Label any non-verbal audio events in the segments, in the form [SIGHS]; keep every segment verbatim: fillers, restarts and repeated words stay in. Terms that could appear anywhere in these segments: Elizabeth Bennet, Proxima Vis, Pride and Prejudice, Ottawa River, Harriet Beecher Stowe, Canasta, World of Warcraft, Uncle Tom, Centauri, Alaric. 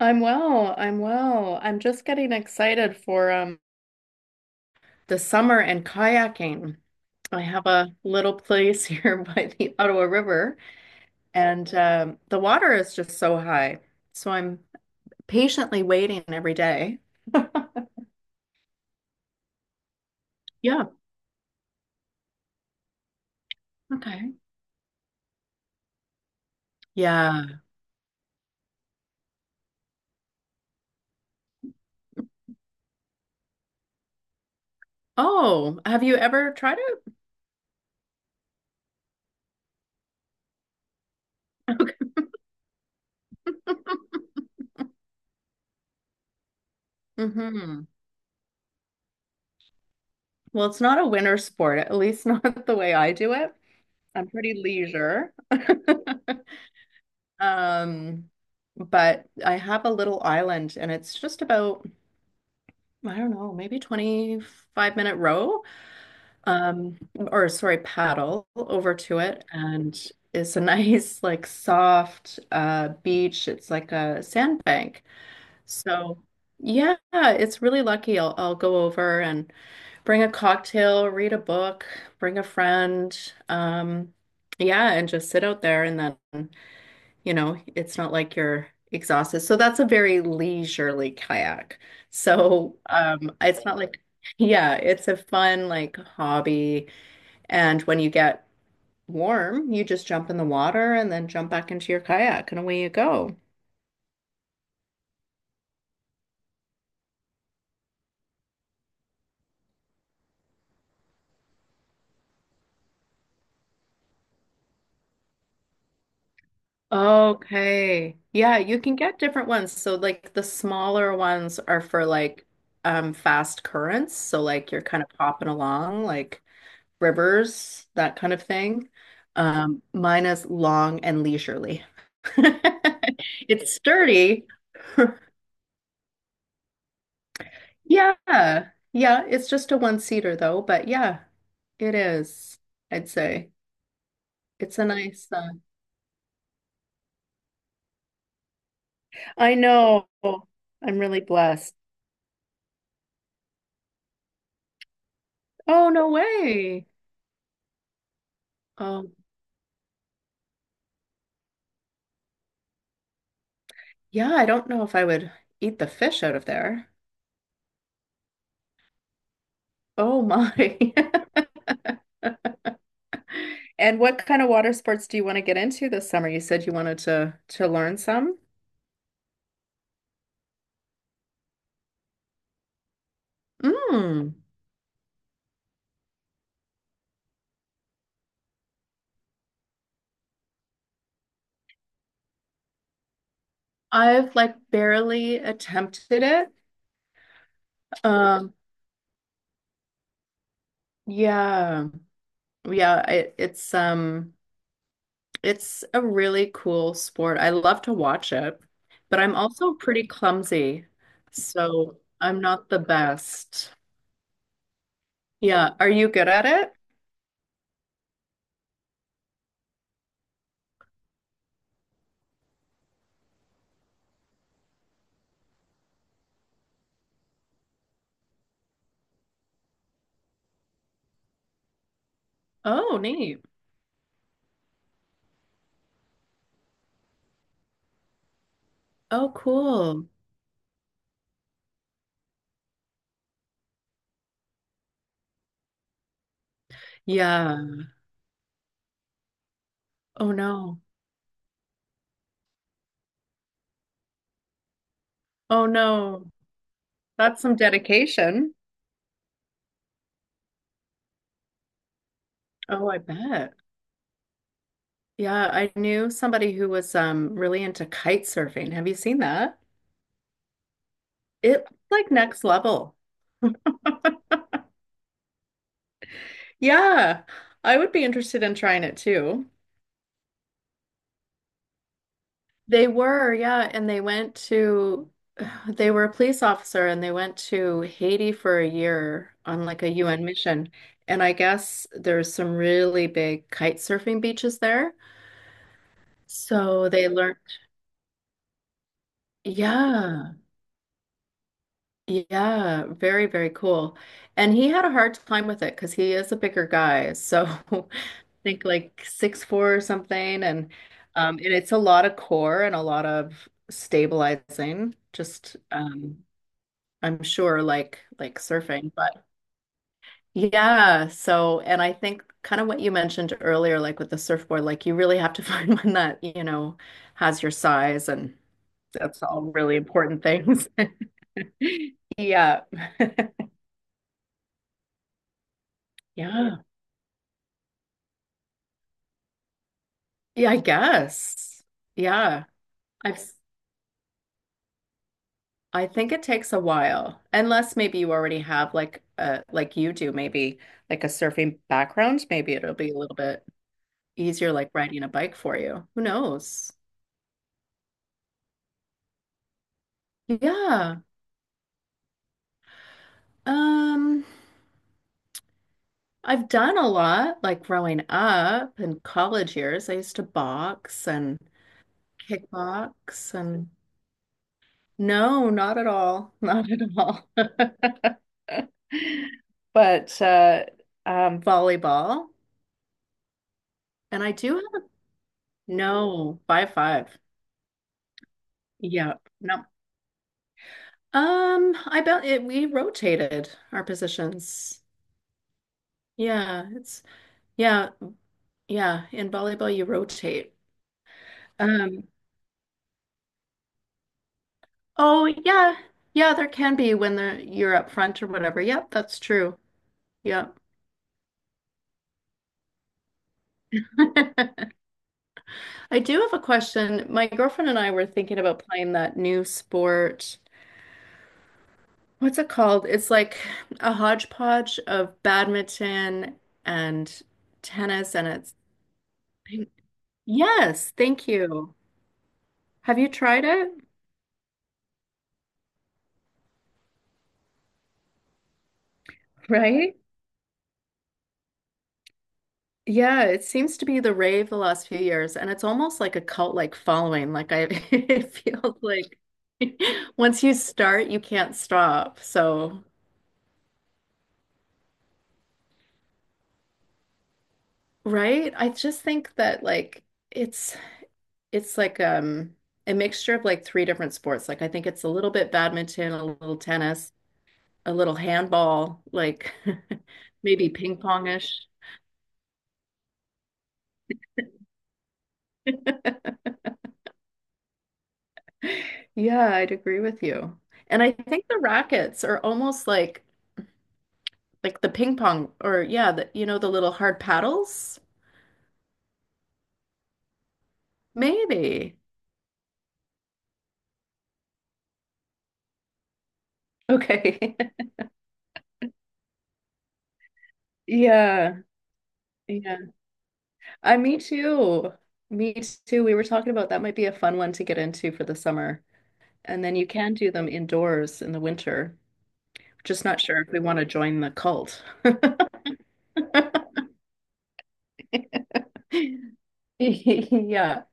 I'm well. I'm well. I'm just getting excited for um the summer and kayaking. I have a little place [LAUGHS] here by the Ottawa River, and um, the water is just so high. So I'm patiently waiting every day. [LAUGHS] Yeah. Okay. Yeah. Oh, have you ever tried it? [LAUGHS] Okay. Hmm. Well, it's not a winter sport, at least [LAUGHS] not the way I do it. I'm pretty leisure. [LAUGHS] Um, but I have a little island and it's just about, I don't know, maybe twenty-five minute row, um, or sorry, paddle over to it. And it's a [LAUGHS] nice, like soft uh beach. It's like a sandbank. So yeah, it's really lucky. I'll I'll go over and bring a cocktail, read a book, bring a friend, um, yeah, and just sit out there and then you know, it's not like you're exhausted. So that's a very leisurely kayak. So um, it's not like, yeah, it's a fun like hobby. And when you get warm, you just jump in the water and then jump back into your kayak and away you go. Okay. Yeah, you can get different ones. So like the smaller ones are for like um fast currents. So like you're kind of popping along like rivers, that kind of thing. Um, mine is long and leisurely. [LAUGHS] It's sturdy. [LAUGHS] Yeah. Yeah, it's just a one-seater though, but yeah, it is, I'd say. It's a nice uh, I know. I'm really blessed. Oh, no way. Um, yeah, I don't know if I would eat the fish out of there. Oh my. [LAUGHS] And what kind of water sports do you want to get into this summer? You said you wanted to to learn some. Mm. I've like barely attempted it. Um, yeah. Yeah, it, it's um it's a really cool sport. I love to watch it, but I'm also pretty clumsy, so I'm not the best. Yeah, are you good at it? Oh, neat. Oh, cool. Yeah. Oh no. Oh no. That's some dedication. Oh, I bet. Yeah, I knew somebody who was um really into kite surfing. Have you seen that? It's like next level. Yeah, I would be interested in trying it too. They were, yeah, and they went to [SIGHS] they were a police officer and they went to Haiti for a year on like a U N mission. And I guess there's some really big kite surfing beaches there. So they learned, yeah. Yeah, very, very cool. And he had a hard time with it because he is a bigger guy. So [LAUGHS] I think like six four or something. And um and it's a lot of core and a lot of stabilizing, just um I'm sure like like surfing. But yeah, so and I think kind of what you mentioned earlier, like with the surfboard, like you really have to [LAUGHS] find one that, you know, has your size and that's all really important things. [LAUGHS] Yeah. [LAUGHS] Yeah. Yeah, I guess. Yeah. I've s- I think it takes a while. Unless maybe you already have like a like you do maybe like a surfing background, maybe it'll be a little bit easier like riding a bike for you. Who knows? Yeah. Um, I've done a lot like growing up in college years. I used to box and kickbox and no, not at all. [LAUGHS] Not at all. [LAUGHS] But uh, um, volleyball, and I do have a, no, five five. Yeah, no. Um, I bet it, we rotated our positions. Yeah, it's yeah, yeah. In volleyball, you rotate. Um, oh yeah, yeah. There can be when the you're up front or whatever. Yep, that's true. Yep. [LAUGHS] I do have a question. My girlfriend and I were thinking about playing that new sport. What's it called? It's like a hodgepodge of badminton and tennis, and it's yes, thank you. Have you tried it? Right? Yeah, it seems to be the rave the last few years, and it's almost like a cult-like following. Like I, [LAUGHS] it feels like [LAUGHS] once you start, you can't stop. So, right? I just think that like. It's it's like um a mixture of like three different sports. Like I think it's a little bit badminton, a little tennis, a little handball, like [LAUGHS] maybe ping pongish. [LAUGHS] Yeah, I'd agree with you. And I think the rackets are almost like like the ping pong or yeah, the, you know, the little hard paddles. Maybe. Okay. [LAUGHS] Yeah. Yeah. I me too. Me too. We were talking about that might be a fun one to get into for the summer. And then you can do them indoors in the winter. Just not sure if we want to join the cult. [LAUGHS] Yeah.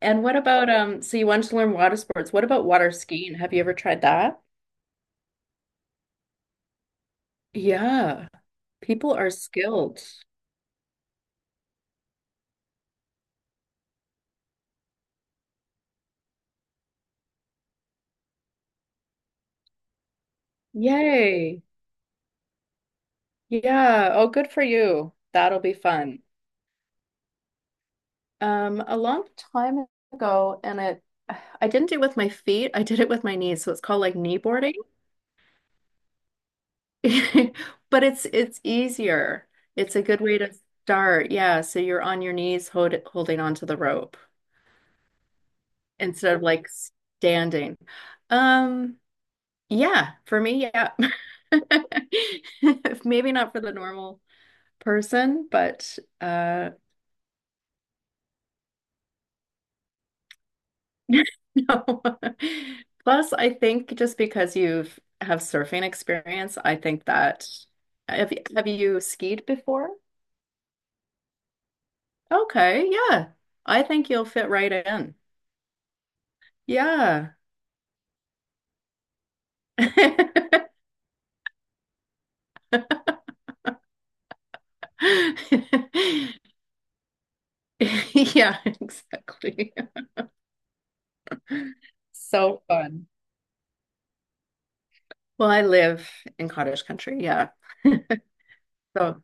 And what about um so you wanted to learn water sports. What about water skiing? Have you ever tried that? Yeah. People are skilled. Yay. Yeah. Oh, good for you. That'll be fun. Um, a long time ago, and it I didn't do it with my feet. I did it with my knees. So it's called like knee boarding. [LAUGHS] But it's it's easier. It's a good way to start. Yeah, so you're on your knees hold, holding onto the rope instead of like standing. Um, yeah, for me, yeah. [LAUGHS] Maybe not for the normal person, but uh [LAUGHS] no. Plus, I think just because you've have surfing experience, I think that have, have you skied before? Okay, yeah. I think you'll fit right in. Yeah. [LAUGHS] Yeah, exactly. So fun. Well, I live in cottage country. Yeah. [LAUGHS] So,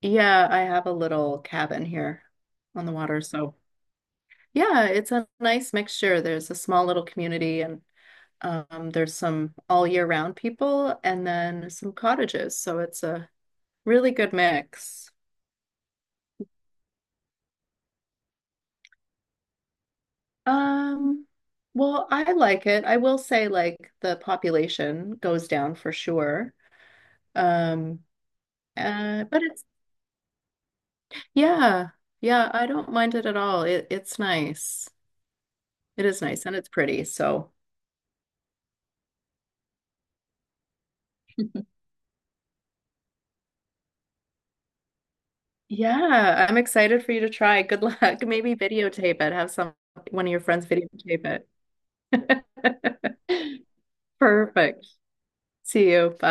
yeah, I have a little cabin here on the water. So, yeah, it's a nice mixture. There's a small little community and um, there's some all year round people and then some cottages. So, it's a really good mix. Um, well, I like it. I will say like the population goes down for sure. Um, uh, but it's yeah, yeah, I don't mind it at all. It it's nice. It is nice and it's pretty. So [LAUGHS] yeah, I'm excited for you to try. Good luck. [LAUGHS] Maybe videotape it. Have some one of your friends videotape it. [LAUGHS] Perfect. See you. Bye.